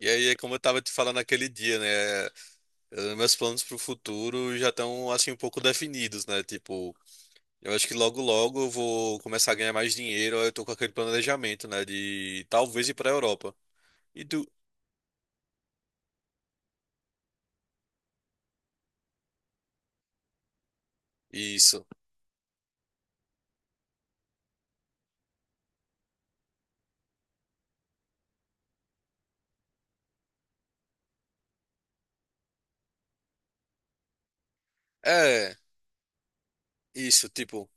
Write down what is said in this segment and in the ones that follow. E aí, é como eu tava te falando naquele dia, né? Meus planos pro futuro já estão, assim, um pouco definidos, né? Tipo, eu acho que logo logo eu vou começar a ganhar mais dinheiro. Aí Eu tô com aquele planejamento, né? De talvez ir pra Europa. E tu? Isso. É, isso, tipo,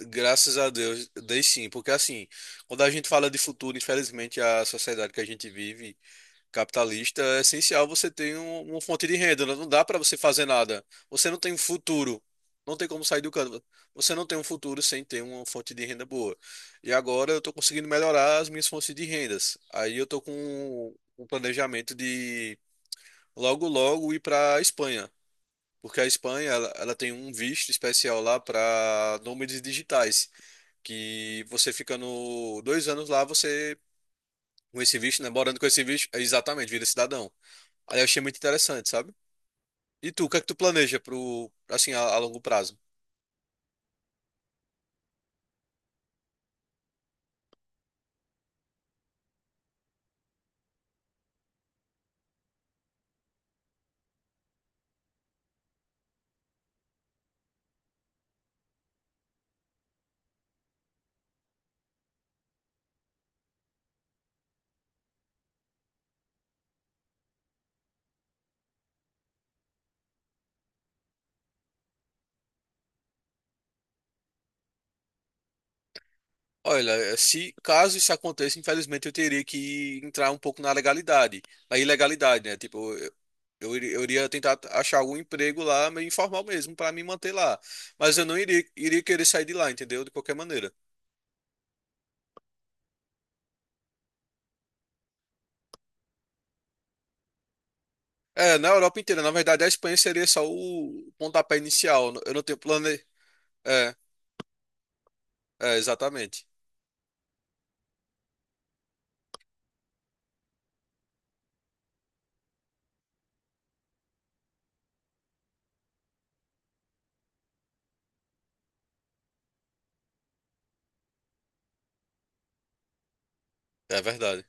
graças a Deus, dei sim. Porque, assim, quando a gente fala de futuro, infelizmente, a sociedade que a gente vive, capitalista, é essencial você ter uma fonte de renda, né? Não dá para você fazer nada. Você não tem um futuro. Não tem como sair do canto. Você não tem um futuro sem ter uma fonte de renda boa. E agora eu estou conseguindo melhorar as minhas fontes de rendas. Aí eu estou com um planejamento de logo logo ir para a Espanha. Porque a Espanha ela tem um visto especial lá para nômades digitais. Que você ficando 2 anos lá, você com esse visto, né? Morando com esse visto, é exatamente, vira cidadão. Aí eu achei muito interessante, sabe? E tu, o que é que tu planeja pro, assim, a longo prazo? Olha, se caso isso aconteça, infelizmente eu teria que entrar um pouco na legalidade, na ilegalidade, né? Tipo, eu iria tentar achar algum emprego lá, meio informal mesmo, para me manter lá. Mas eu não iria querer sair de lá, entendeu? De qualquer maneira. É, na Europa inteira, na verdade, a Espanha seria só o pontapé inicial. Eu não tenho plane... É, Exatamente. É verdade.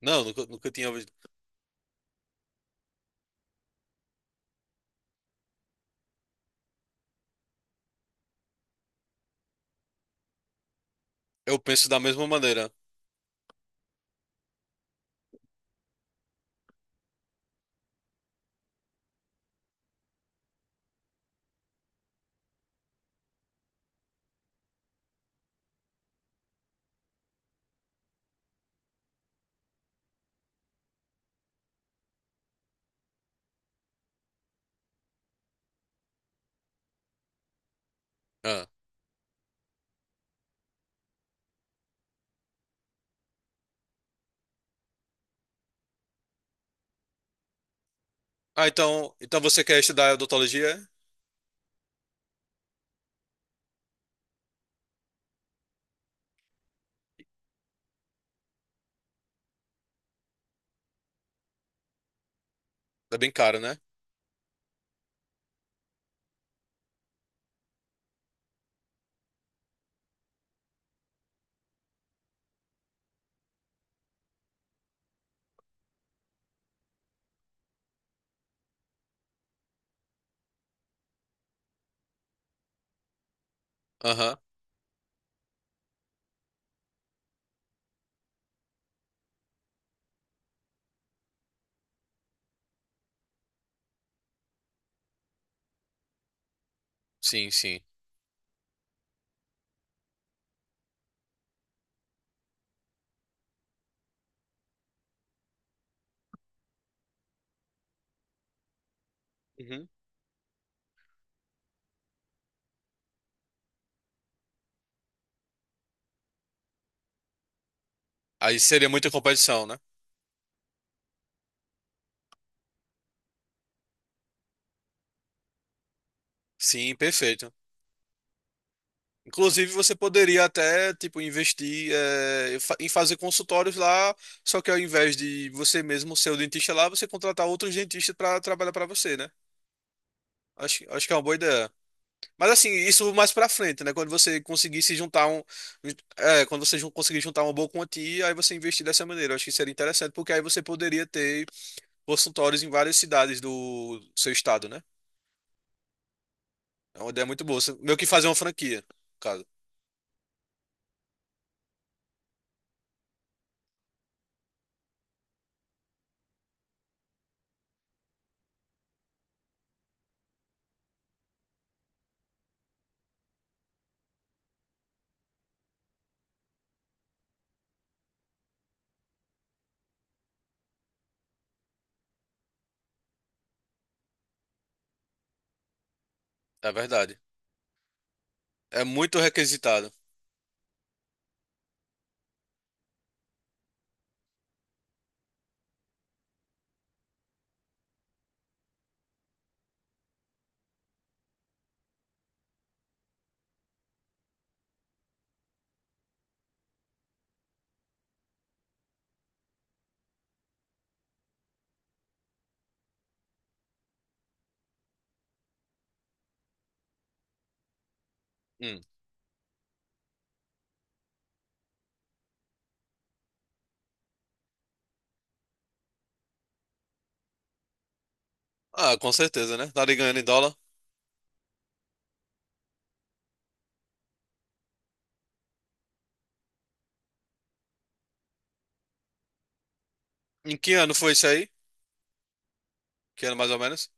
Não, nunca, nunca tinha ouvido. Eu penso da mesma maneira. Ah, ah, então, você quer estudar odontologia? É bem caro, né? Aham. Sim, sim. Uhum. Aí seria muita competição, né? Sim, perfeito. Inclusive, você poderia até, tipo, investir em fazer consultórios lá, só que ao invés de você mesmo ser o dentista lá, você contratar outros dentistas para trabalhar para você, né? Acho que é uma boa ideia. Mas assim, isso mais pra frente, né? Quando você conseguir se juntar um. É, quando você conseguir juntar uma boa quantia, aí você investir dessa maneira. Eu acho que seria interessante, porque aí você poderia ter consultórios em várias cidades do seu estado, né? É uma ideia muito boa. Meio que fazer uma franquia, no caso. É verdade. É muito requisitado. Hum. Ah, com certeza, né? Tá ganhando em dólar. Em que ano foi isso aí? Que ano mais ou menos?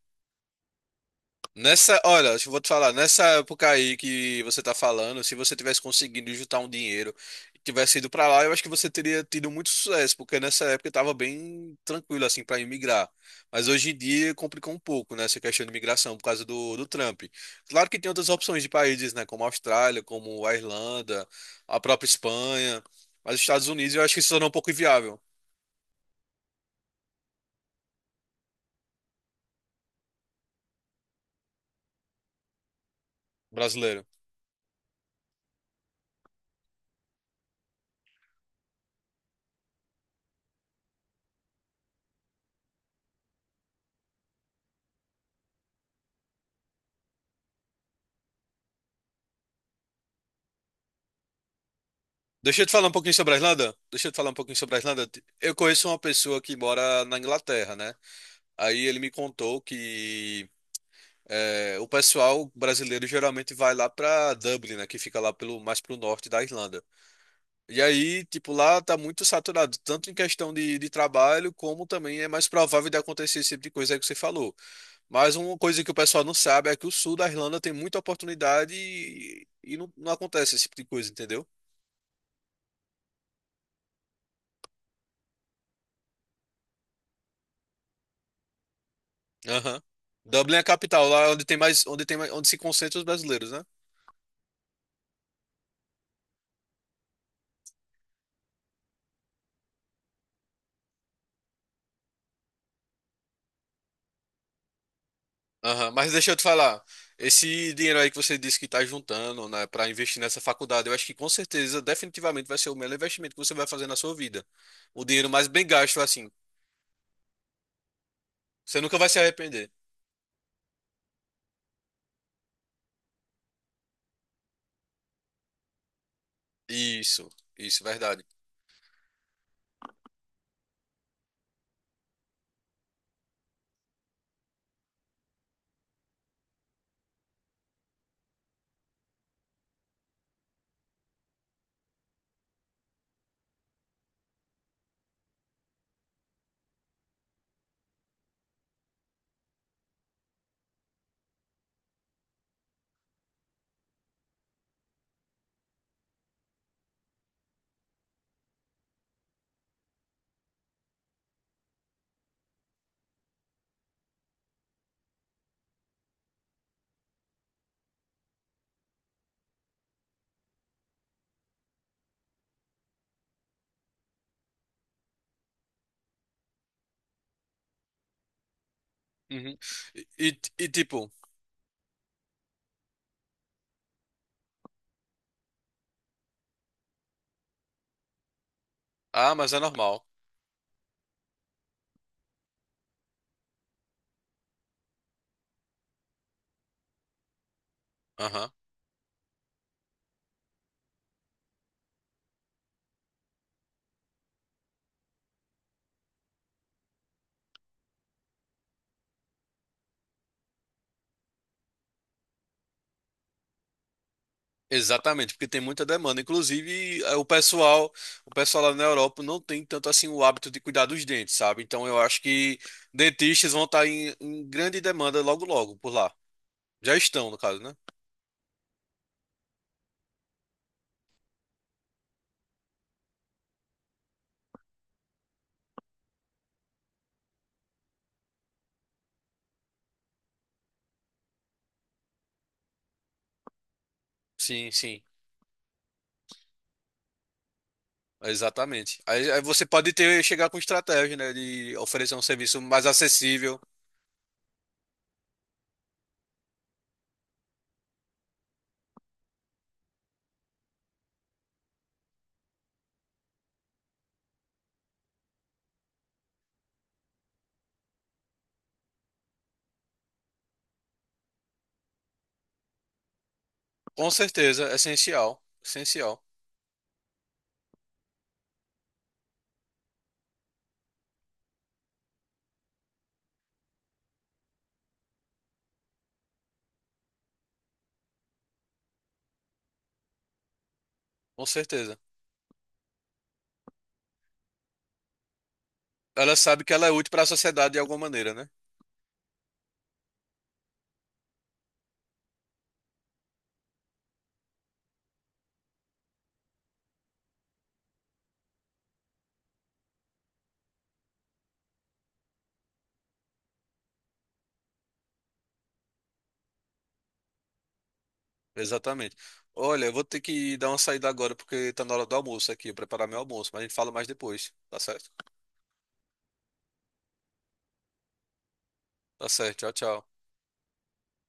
Nessa, olha, eu vou te falar, nessa época aí que você tá falando, se você tivesse conseguido juntar um dinheiro e tivesse ido pra lá, eu acho que você teria tido muito sucesso, porque nessa época eu tava bem tranquilo assim para imigrar. Mas hoje em dia complicou um pouco, né, essa questão de imigração por causa do Trump. Claro que tem outras opções de países, né, como a Austrália, como a Irlanda, a própria Espanha, mas os Estados Unidos eu acho que se tornou um pouco inviável, brasileiro. Deixa eu te falar um pouquinho sobre a Irlanda. Deixa eu te falar um pouquinho sobre a Irlanda. Eu conheço uma pessoa que mora na Inglaterra, né? Aí ele me contou que é, o pessoal brasileiro geralmente vai lá pra Dublin, né? Que fica lá pelo, mais pro norte da Irlanda. E aí, tipo, lá tá muito saturado, tanto em questão de trabalho, como também é mais provável de acontecer esse tipo de coisa aí que você falou. Mas uma coisa que o pessoal não sabe é que o sul da Irlanda tem muita oportunidade e não, não acontece esse tipo de coisa, entendeu? Aham. Dublin é a capital, lá é onde tem mais, onde tem mais, onde se concentram os brasileiros, né? Aham. Mas deixa eu te falar, esse dinheiro aí que você disse que tá juntando, né, para investir nessa faculdade, eu acho que com certeza, definitivamente vai ser o melhor investimento que você vai fazer na sua vida. O dinheiro mais bem gasto, assim. Você nunca vai se arrepender. Isso, isso, verdade. Uhum. E, tipo, ah, mas é normal. Exatamente, porque tem muita demanda. Inclusive, o pessoal lá na Europa não tem tanto assim o hábito de cuidar dos dentes, sabe? Então eu acho que dentistas vão estar em grande demanda logo logo por lá. Já estão, no caso, né? Sim, sim. Exatamente. Aí você pode ter chegar com estratégia, né, de oferecer um serviço mais acessível. Com certeza, é essencial, essencial, com certeza. Ela sabe que ela é útil para a sociedade de alguma maneira, né? Exatamente. Olha, eu vou ter que dar uma saída agora porque tá na hora do almoço aqui, eu preparar meu almoço, mas a gente fala mais depois, tá certo? Tá certo, tchau, tchau.